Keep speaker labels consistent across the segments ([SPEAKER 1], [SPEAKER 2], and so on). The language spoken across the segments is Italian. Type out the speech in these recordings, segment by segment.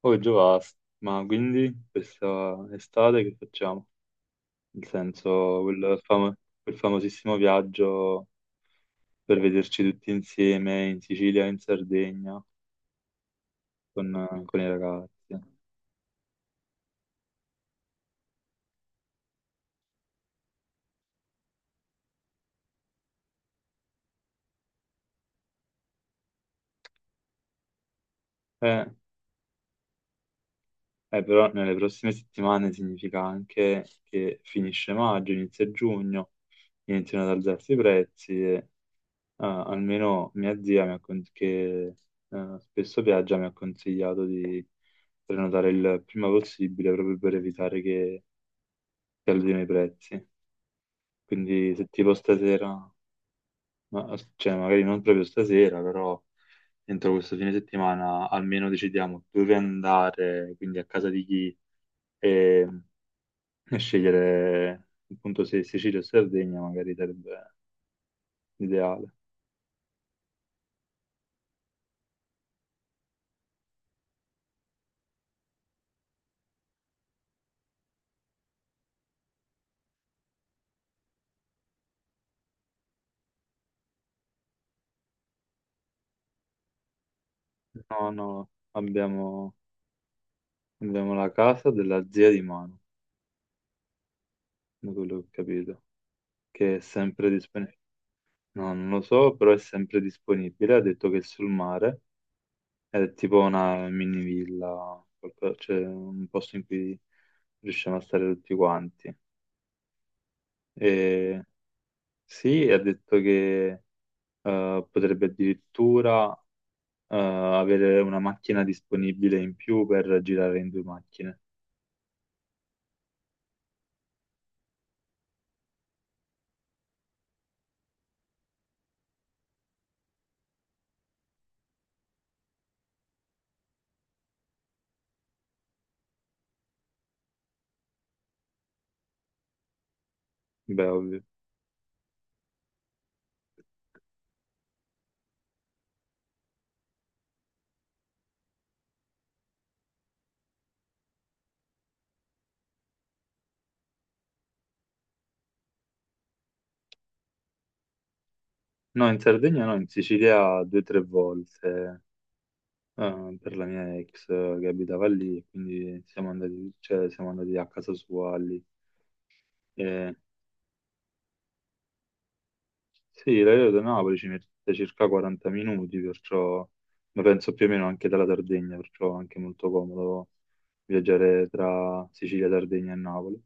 [SPEAKER 1] Poi già basta. Ma quindi questa estate che facciamo? Nel senso, quel famosissimo viaggio per vederci tutti insieme in Sicilia, in Sardegna, con i ragazzi. Eh, Però nelle prossime settimane significa anche che finisce maggio, inizia giugno, iniziano ad alzarsi i prezzi. Ah, almeno mia zia, mi ha con- che spesso viaggia, mi ha consigliato di prenotare il prima possibile proprio per evitare che scaldino i prezzi. Quindi se tipo stasera, cioè magari non proprio stasera, però entro questo fine settimana almeno decidiamo dove andare, quindi a casa di chi, e, e scegliere appunto se Sicilia o Sardegna magari sarebbe ideale. No, no, abbiamo... Abbiamo la casa della zia di mano, da quello che ho capito, che è sempre disponibile. No, non lo so, però è sempre disponibile. Ha detto che è sul mare, è tipo una mini villa, cioè un posto in cui riusciamo a stare tutti quanti. E sì, ha detto che potrebbe addirittura avere una macchina disponibile in più per girare in due macchine. Beh, ovvio. No, in Sardegna no, in Sicilia due o tre volte per la mia ex che abitava lì, quindi siamo andati, cioè, siamo andati a casa sua lì. E, sì, l'aereo da Napoli ci mette circa 40 minuti, perciò, ma penso più o meno anche dalla Sardegna, perciò è anche molto comodo viaggiare tra Sicilia, Sardegna e Napoli.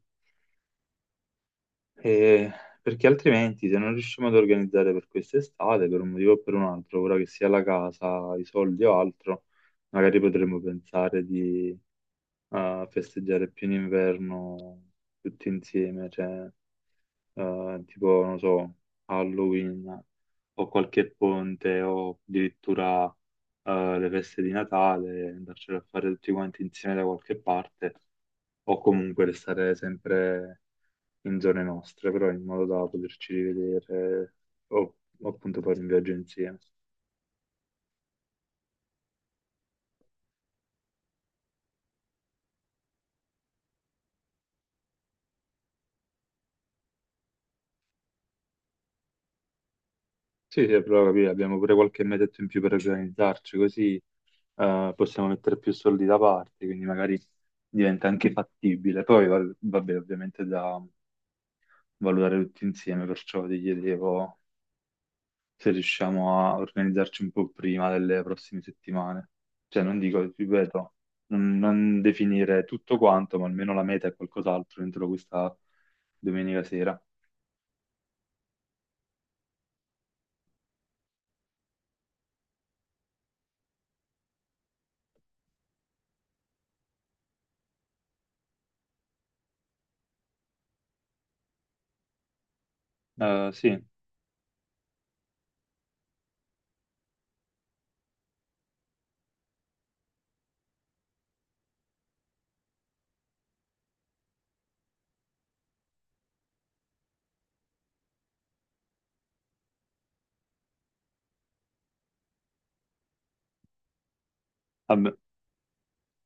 [SPEAKER 1] E- Perché altrimenti se non riusciamo ad organizzare per quest'estate, per un motivo o per un altro, ora che sia la casa, i soldi o altro, magari potremmo pensare di a festeggiare pieno inverno tutti insieme, cioè tipo, non so, Halloween o qualche ponte o addirittura le feste di Natale, andarcene a fare tutti quanti insieme da qualche parte o comunque restare sempre in zone nostre, però in modo da poterci rivedere o o appunto fare un viaggio insieme. Sì, sì, però capì, abbiamo pure qualche metetto in più per organizzarci, così possiamo mettere più soldi da parte, quindi magari diventa anche fattibile. Poi vabbè, ovviamente da valutare tutti insieme, perciò ti chiedevo se riusciamo a organizzarci un po' prima delle prossime settimane. Cioè, non dico, ripeto, non definire tutto quanto, ma almeno la meta è qualcos'altro entro questa domenica sera. Sì, vabbè,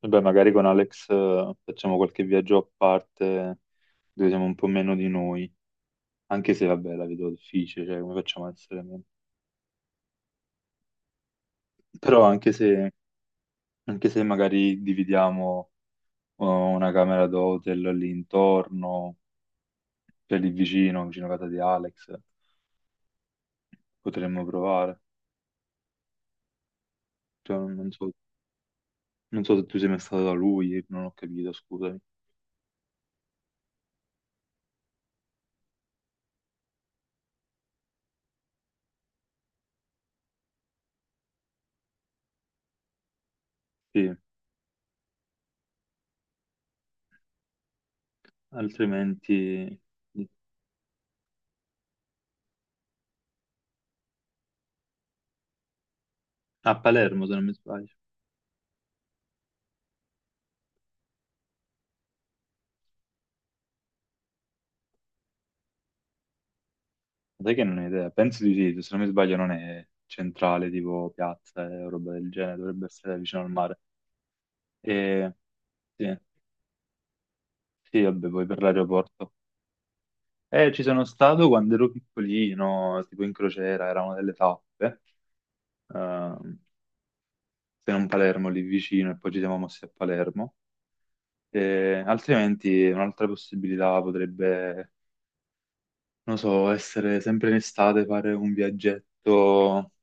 [SPEAKER 1] vabbè, magari con Alex facciamo qualche viaggio a parte dove siamo un po' meno di noi, anche se vabbè la vedo difficile, cioè come facciamo a essere meno? Però anche se magari dividiamo una camera d'hotel lì intorno, cioè lì vicino, vicino a casa di Alex, potremmo provare. Cioè, non so, non so se tu sei mai stato da lui, non ho capito, scusami. Sì, altrimenti a Palermo se non mi sbaglio. Sai che non ho idea, penso di sì, se non mi sbaglio non è centrale, tipo piazza e roba del genere, dovrebbe essere vicino al mare. E, sì, sì, vabbè, poi per l'aeroporto. Ci sono stato quando ero piccolino, tipo in crociera, era una delle tappe, ehm, se non Palermo lì vicino, e poi ci siamo mossi a Palermo. E altrimenti un'altra possibilità potrebbe non so, essere sempre in estate, fare un viaggetto,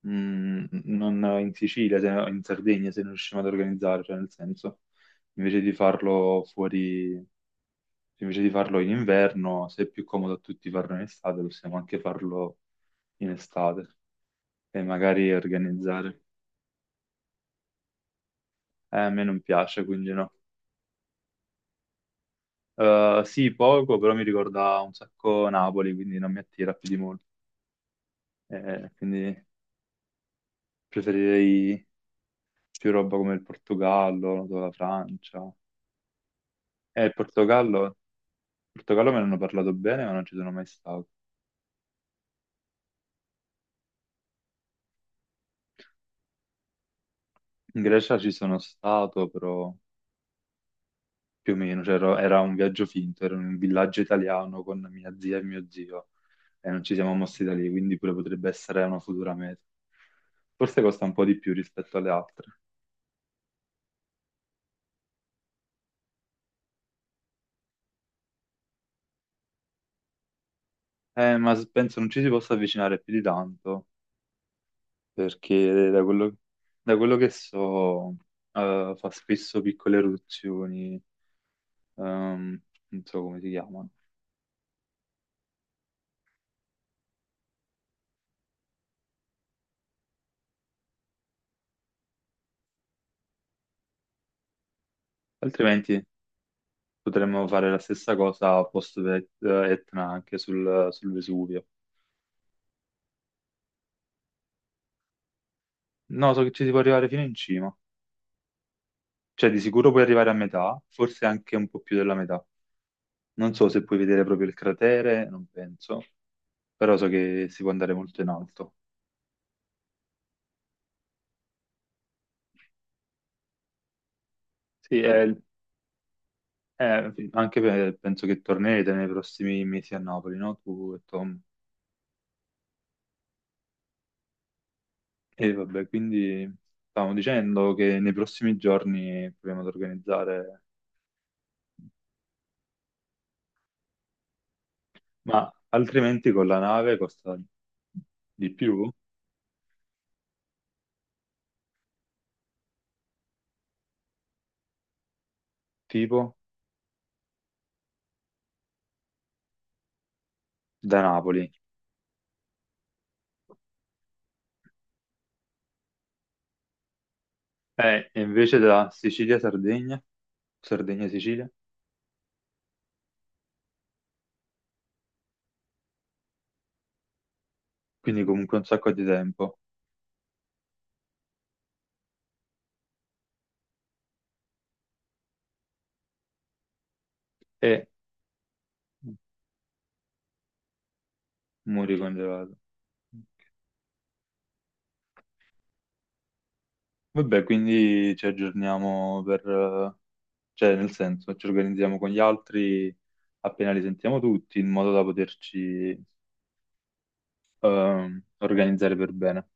[SPEAKER 1] non in Sicilia, no, in Sardegna, se non riusciamo ad organizzare, cioè nel senso, invece di farlo fuori, invece di farlo in inverno, se è più comodo a tutti farlo in estate, possiamo anche farlo in estate e magari organizzare. A me non piace, quindi no. Sì, poco, però mi ricorda un sacco Napoli, quindi non mi attira più di molto. Quindi preferirei più roba come il Portogallo, noto la Francia. Il Portogallo me ne hanno parlato bene, ma non ci sono mai stato. In Grecia ci sono stato, però più o meno, cioè, era un viaggio finto, era in un villaggio italiano con mia zia e mio zio e non ci siamo mossi da lì, quindi pure potrebbe essere una futura meta. Forse costa un po' di più rispetto alle altre. Ma penso non ci si possa avvicinare più di tanto, perché da quello che so, fa spesso piccole eruzioni. Ehm, Non so come si chiamano. Altrimenti potremmo fare la stessa cosa post Etna anche sul Vesuvio. No, so che ci si può arrivare fino in cima. Cioè, di sicuro puoi arrivare a metà, forse anche un po' più della metà. Non so se puoi vedere proprio il cratere, non penso, però so che si può andare molto in alto. Sì, anche penso che tornerete nei prossimi mesi a Napoli, no? Tu e Tom. E vabbè, quindi stavamo dicendo che nei prossimi giorni proviamo ad organizzare. Ma altrimenti con la nave costa di più? Tipo da Napoli. E invece da Sicilia-Sardegna, Sardegna-Sicilia, quindi comunque un sacco di tempo. E muri congelato. Vabbè, quindi ci aggiorniamo per... cioè nel senso, ci organizziamo con gli altri appena li sentiamo tutti, in modo da poterci organizzare per bene.